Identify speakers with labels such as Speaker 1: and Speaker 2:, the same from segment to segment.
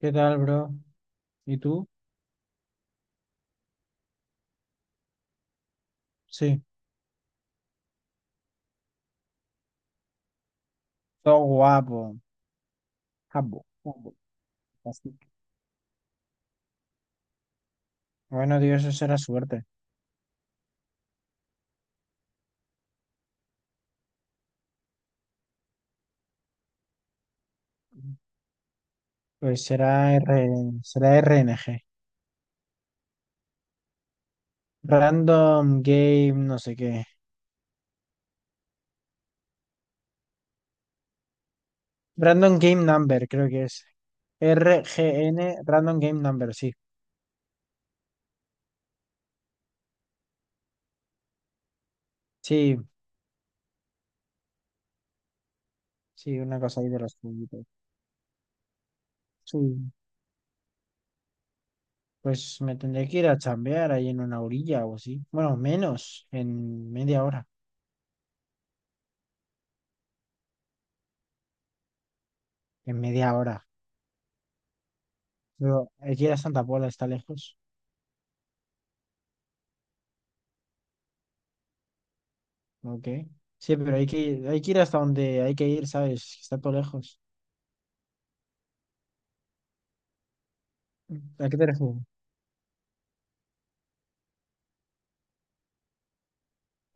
Speaker 1: ¿Qué tal, bro? ¿Y tú? Sí, todo guapo, guapo, guapo, así. Bueno, Dios, eso será suerte. Pues será RNG. Random Game, no sé qué. Random Game Number, creo que es. RGN, Random Game Number, sí. Sí, sí, una cosa ahí de los juguitos. Sí. Pues me tendré que ir a chambear ahí en una orilla o así. Bueno, menos, en media hora. En media hora. Pero aquí a Santa Pola está lejos. Ok. Sí, pero hay que ir hasta donde hay que ir, ¿sabes? Está todo lejos. ¿A qué te refieres?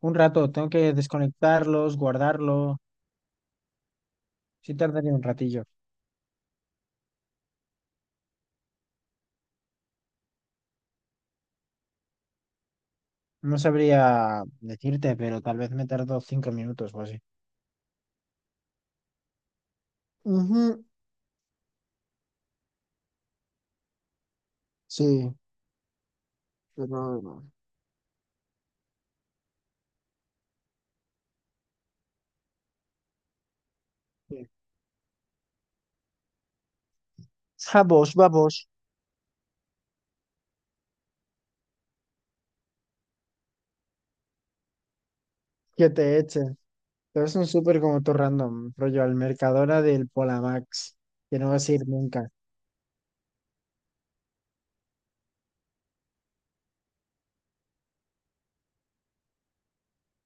Speaker 1: Un rato, tengo que desconectarlos, guardarlo. Sí tardaría un ratillo. No sabría decirte, pero tal vez me tardo 5 minutos o así. Ujú, sí, pero no. Sí. Vamos, vamos. Que te echen. Pero es un súper como todo random, rollo al Mercadona del Polamax, que no vas a ir nunca.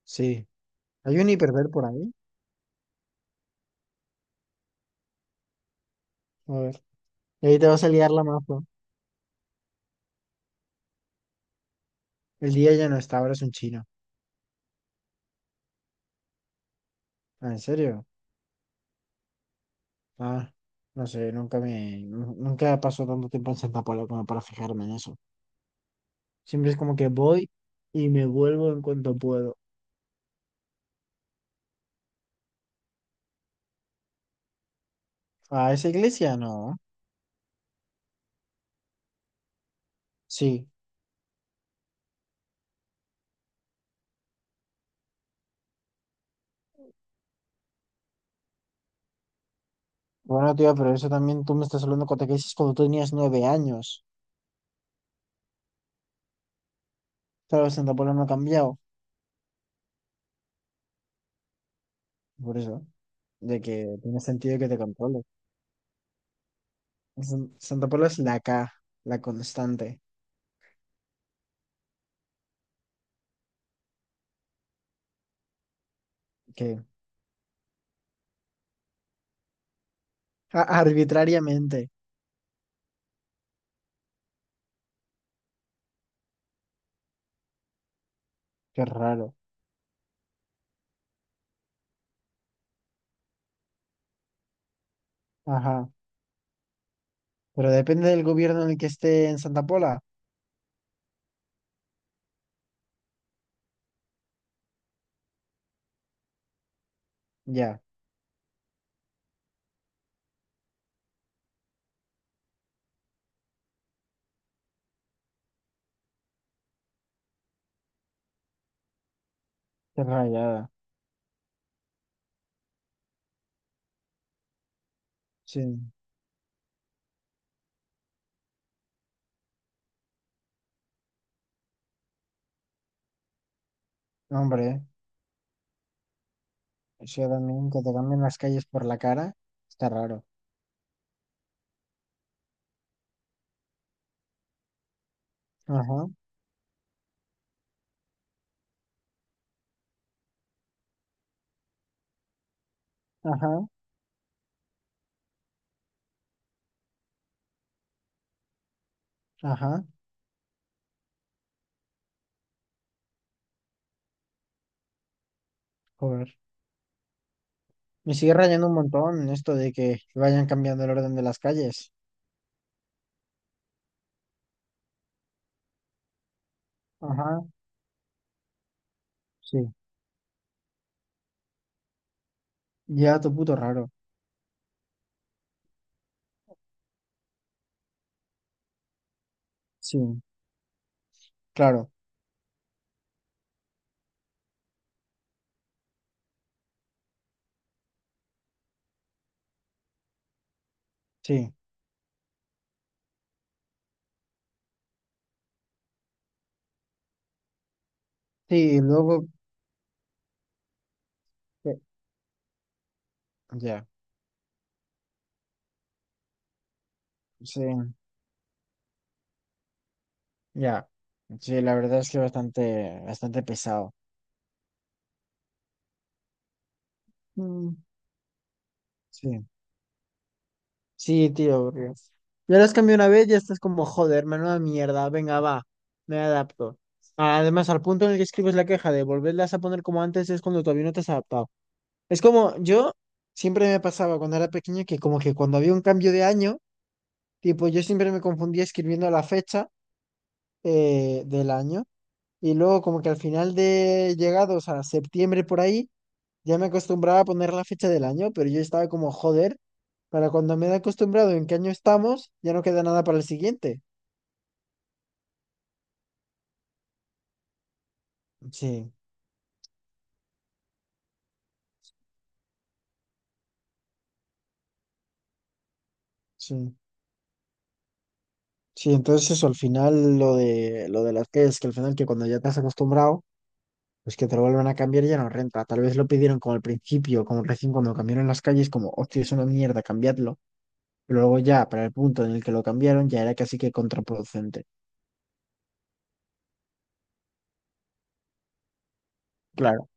Speaker 1: Sí. ¿Hay un hiperver por ahí? A ver. Y ahí te vas a liar la más. El día ya no está, ahora es un chino. Ah, ¿en serio? Ah, no sé, nunca me, nu- nunca pasó tanto tiempo en Santa Paula como para fijarme en eso. Siempre es como que voy y me vuelvo en cuanto puedo. ¿A esa iglesia? No. Sí. Bueno, tío, pero eso también tú me estás hablando cuando te dices cuando tú tenías 9 años. Claro, Santa Paula no ha cambiado. Por eso, de que tiene sentido que te controle. Santa Paula es la K, la constante, que arbitrariamente. Qué raro. Ajá. Pero depende del gobierno en el que esté en Santa Pola. Ya, qué rayada. Sí, hombre, sí, también que te cambien las calles por la cara, está raro. Ajá, ajá, ajá. Joder. Me sigue rayando un montón esto de que vayan cambiando el orden de las calles. Ajá, sí. Ya, tu puto raro. Sí, claro, sí. Sí, y luego. eh, Ya, sí, ya. Sí, la verdad es que bastante, bastante pesado. Mm, sí. Sí, tío, porque ya las cambié una vez, ya estás como, joder, menuda mierda, venga, va, me adapto. Además, al punto en el que escribes la queja de volverlas a poner como antes es cuando todavía no te has adaptado. Es como, yo siempre me pasaba cuando era pequeño que como que cuando había un cambio de año, tipo, yo siempre me confundía escribiendo la fecha del año y luego como que al final de llegados a septiembre por ahí, ya me acostumbraba a poner la fecha del año, pero yo estaba como, joder, para cuando me he acostumbrado en qué año estamos, ya no queda nada para el siguiente. Sí, sí. Sí, entonces eso, al final lo de las que es que al final que cuando ya te has acostumbrado, pues que te lo vuelvan a cambiar ya no renta. Tal vez lo pidieron como al principio, como recién cuando cambiaron las calles, como, hostia, es una mierda, cambiadlo. Pero luego ya, para el punto en el que lo cambiaron, ya era casi que contraproducente. Claro.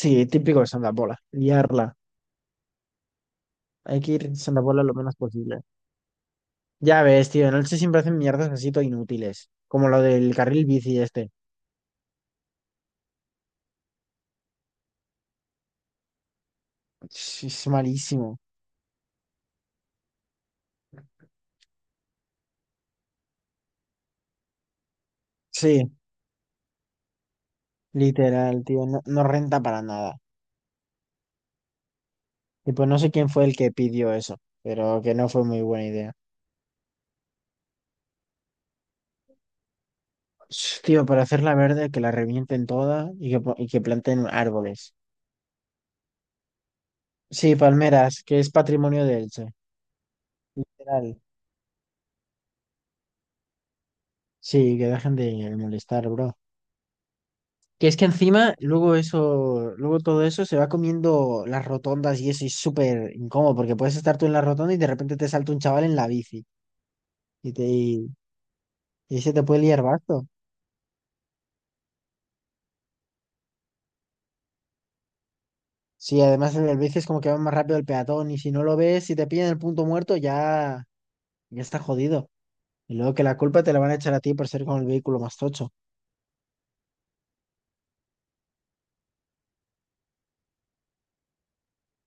Speaker 1: Sí, típico de Santa liarla. Hay que ir en Santa lo menos posible. Ya ves, tío, en el se siempre hacen mierdas así todo inútiles, como lo del carril bici este. Sí, es malísimo. Sí, literal, tío, no, no renta para nada. Y pues no sé quién fue el que pidió eso, pero que no fue muy buena idea. Sh, tío, para hacerla verde, que la revienten toda y que planten árboles. Sí, palmeras, que es patrimonio de Elche. Literal. Sí, que dejen de molestar, bro. Que es que encima, luego eso, luego todo eso se va comiendo las rotondas y eso y es súper incómodo, porque puedes estar tú en la rotonda y de repente te salta un chaval en la bici y te y, y se te puede liar basto. Sí, además el bici es como que va más rápido el peatón y si no lo ves, si te pillan el punto muerto, ya, ya está jodido. Y luego que la culpa te la van a echar a ti por ser con el vehículo más tocho.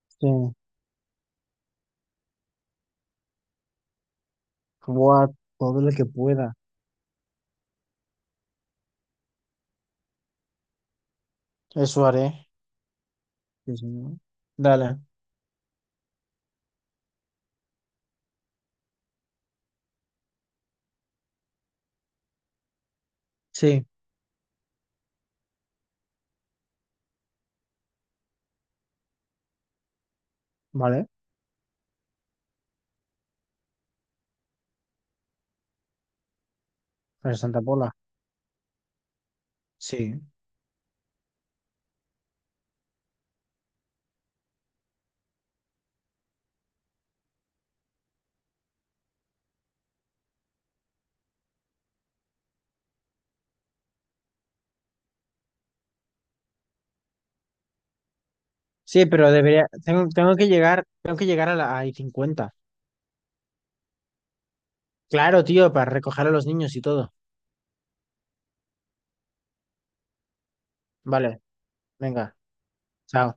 Speaker 1: Sí, buah, todo lo que pueda. Eso haré. Sí, sí, ¿no? Dale. Sí, vale. Para Santa Pola. Sí. Sí, pero debería, tengo que llegar a la a 50. Claro, tío, para recoger a los niños y todo. Vale, venga, chao.